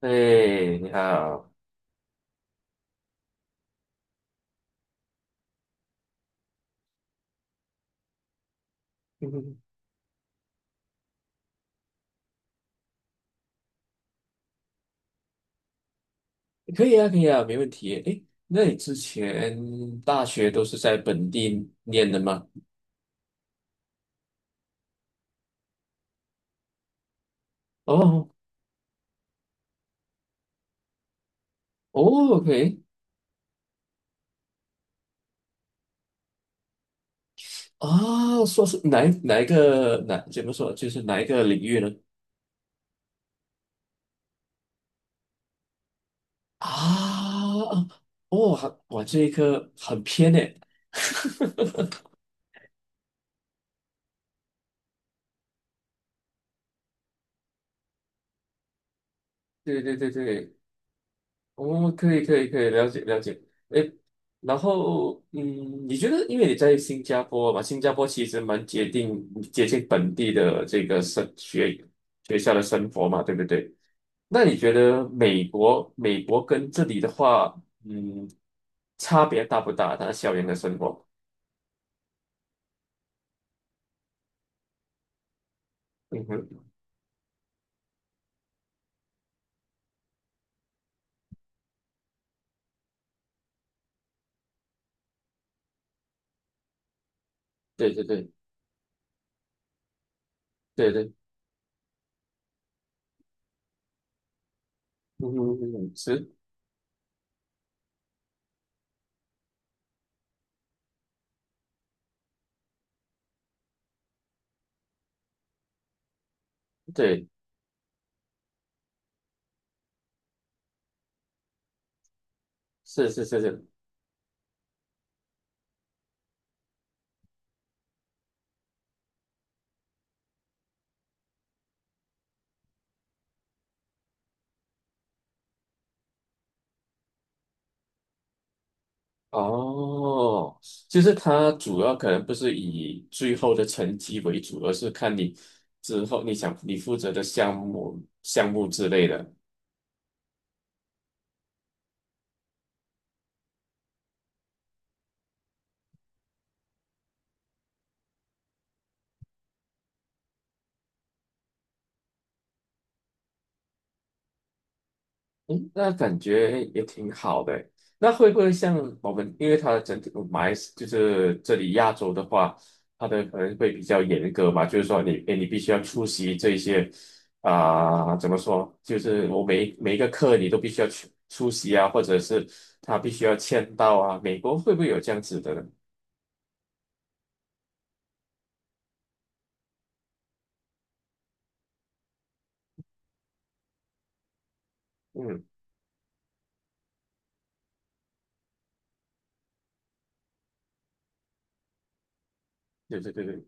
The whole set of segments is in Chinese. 哎，你好。嗯，可以啊，可以啊，没问题。哎，那你之前大学都是在本地念的吗？哦。哦，OK。啊，说是哪一个怎么说，就是哪一个领域呢？啊，哦，还哇，这一科很偏诶。对对对对，哦，可以可以可以，了解了解。诶，然后嗯，你觉得因为你在新加坡嘛，新加坡其实蛮接近本地的这个学校的生活嘛，对不对？那你觉得美国跟这里的话，嗯，差别大不大？它校园的生活？嗯哼。对对对对对。嗯哼，嗯哼，是。对。是是是是。哦，就是它主要可能不是以最后的成绩为主，而是看你之后你想你负责的项目之类的。嗯，那感觉也挺好的欸。那会不会像我们，因为它的整体马来西就是这里亚洲的话，它的可能会比较严格嘛，就是说你，诶你必须要出席这一些，啊、怎么说？就是我每一个课你都必须要去出席啊，或者是他必须要签到啊。美国会不会有这样子的呢？嗯，对对对对。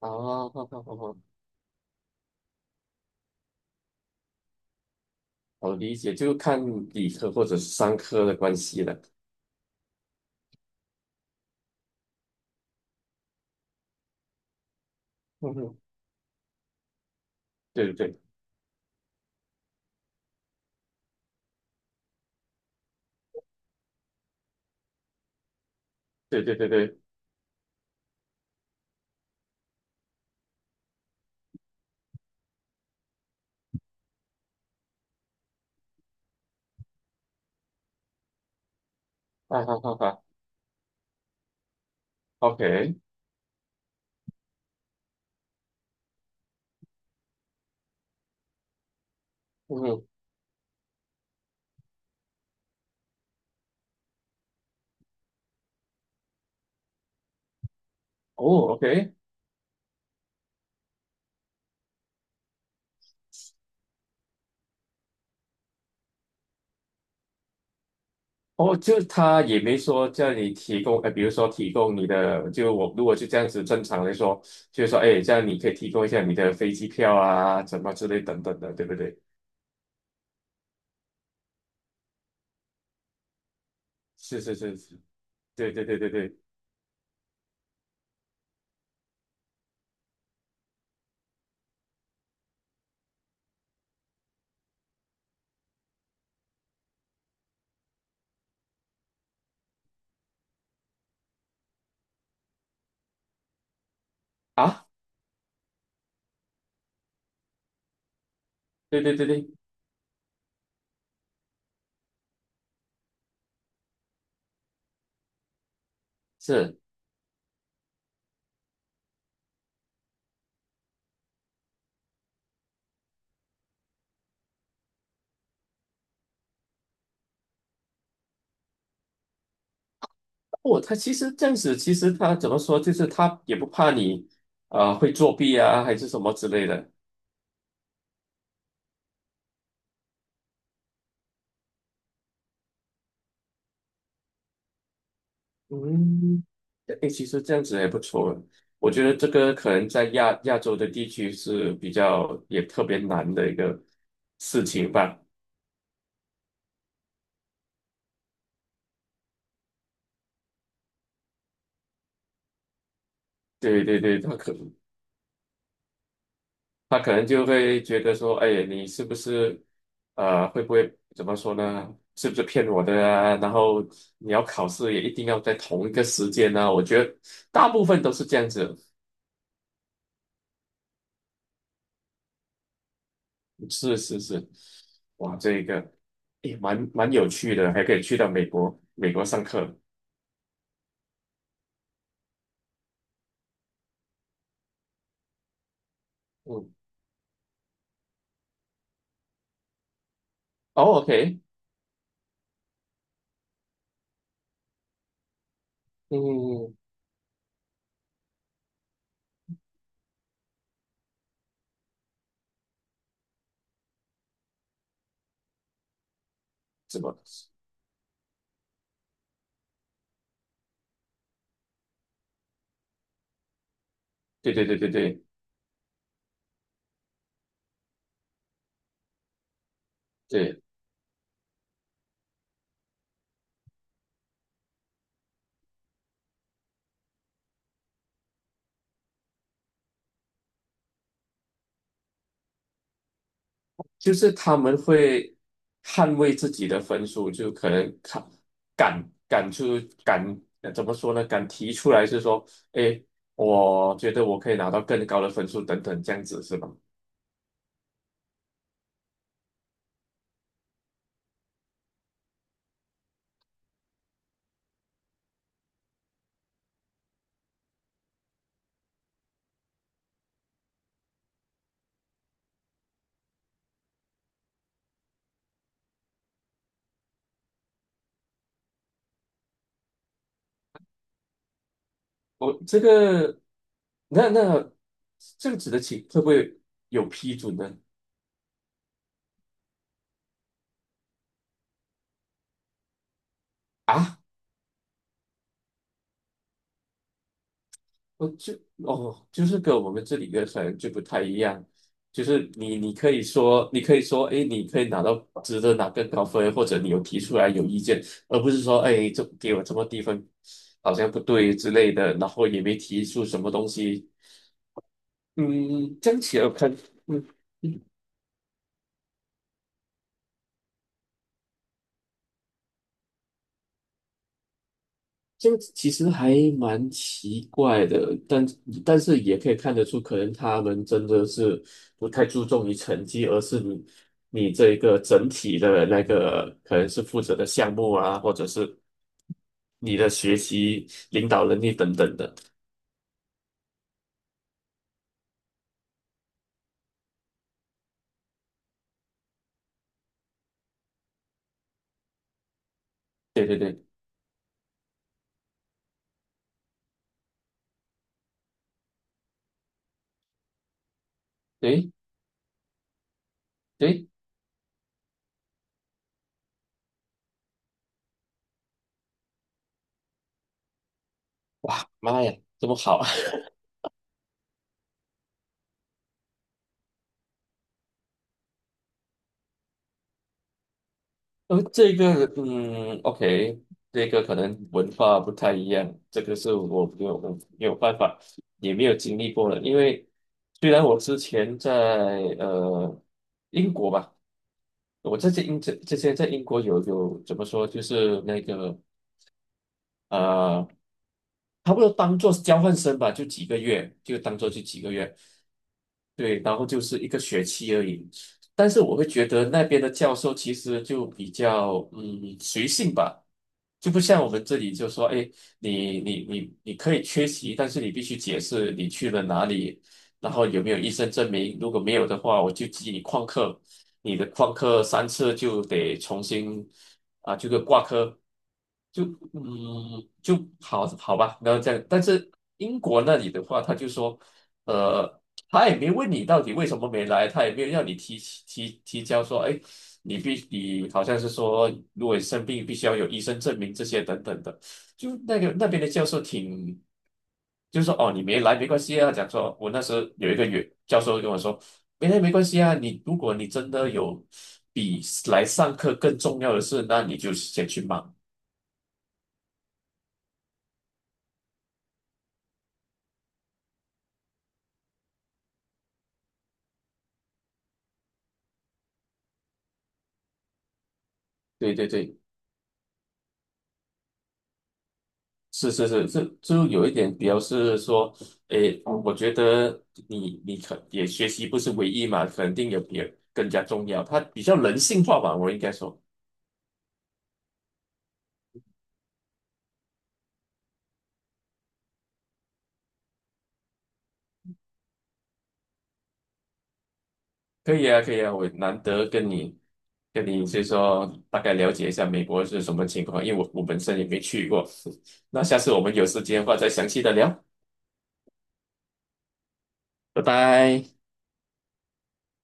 啊，好好好好，我理解，就看理科或者是商科的关系了。嗯哼。对对对对对对对。啊，好好好。OK。嗯。哦，OK。哦，就他也没说叫你提供，比如说提供你的，就我如果就这样子正常来说，就是说，哎，这样你可以提供一下你的飞机票啊，什么之类等等的，对不对？是是是是。对对对对对。啊，对对对对。是。哦，他其实这样子，其实他怎么说，就是他也不怕你，会作弊啊，还是什么之类的。嗯，诶，其实这样子也不错。我觉得这个可能在亚洲的地区是比较也特别难的一个事情吧。对对对。他可能就会觉得说，哎，你是不是，会不会怎么说呢？是不是骗我的啊？然后你要考试也一定要在同一个时间呢，啊我觉得大部分都是这样子。是是是。哇，这个也蛮有趣的，还可以去到美国上课。嗯。哦，OK。嗯。嗯，怎么？对对对对对对。就是他们会捍卫自己的分数，就可能敢敢敢出敢，怎么说呢？敢提出来是说，哎，我觉得我可以拿到更高的分数，等等，这样子是吧？我这个，那那这样子的情会不会有批准呢？啊？我就哦，就是跟我们这里的可能就不太一样，就是你你可以说，你可以说，哎，你可以拿到值得拿更高分，或者你有提出来有意见，而不是说，哎，这给我这么低分，好像不对之类的，然后也没提出什么东西。嗯，这样起来看。嗯。这个其实还蛮奇怪的，但但是也可以看得出，可能他们真的是不太注重于成绩，而是你你这一个整体的那个可能是负责的项目啊，或者是你的学习、领导能力等等的。诶，诶，哇，妈呀，这么好！这个，嗯，OK，这个可能文化不太一样，这个是我没有没有办法，也没有经历过的。因为虽然我之前在，呃英国吧，我在这英这之前在英国有有怎么说，就是那个，呃差不多当做是交换生吧，就几个月，就当做就几个月。对，然后就是一个学期而已。但是我会觉得那边的教授其实就比较嗯随性吧，就不像我们这里就说，哎，你可以缺席，但是你必须解释你去了哪里，然后有没有医生证明，如果没有的话，我就记你旷课。你的旷课三次就得重新，啊，这个挂科，就嗯就好好吧，然后这样。但是英国那里的话，他就说，呃，他也没问你到底为什么没来，他也没有让你提交说，哎，你好像是说，如果你生病必须要有医生证明这些等等的，就那个那边的教授挺。就说哦，你没来没关系啊。讲说，我那时候有一个原教授跟我说，没关系啊。你如果你真的有比来上课更重要的事，那你就先去忙。对对对，是是是，这就有一点比较是说，诶，我觉得你你学习不是唯一嘛，肯定有别更加重要，它比较人性化吧，我应该说。可以啊，可以啊，我难得跟你就是说大概了解一下美国是什么情况，因为我我本身也没去过。那下次我们有时间的话再详细的聊。拜拜。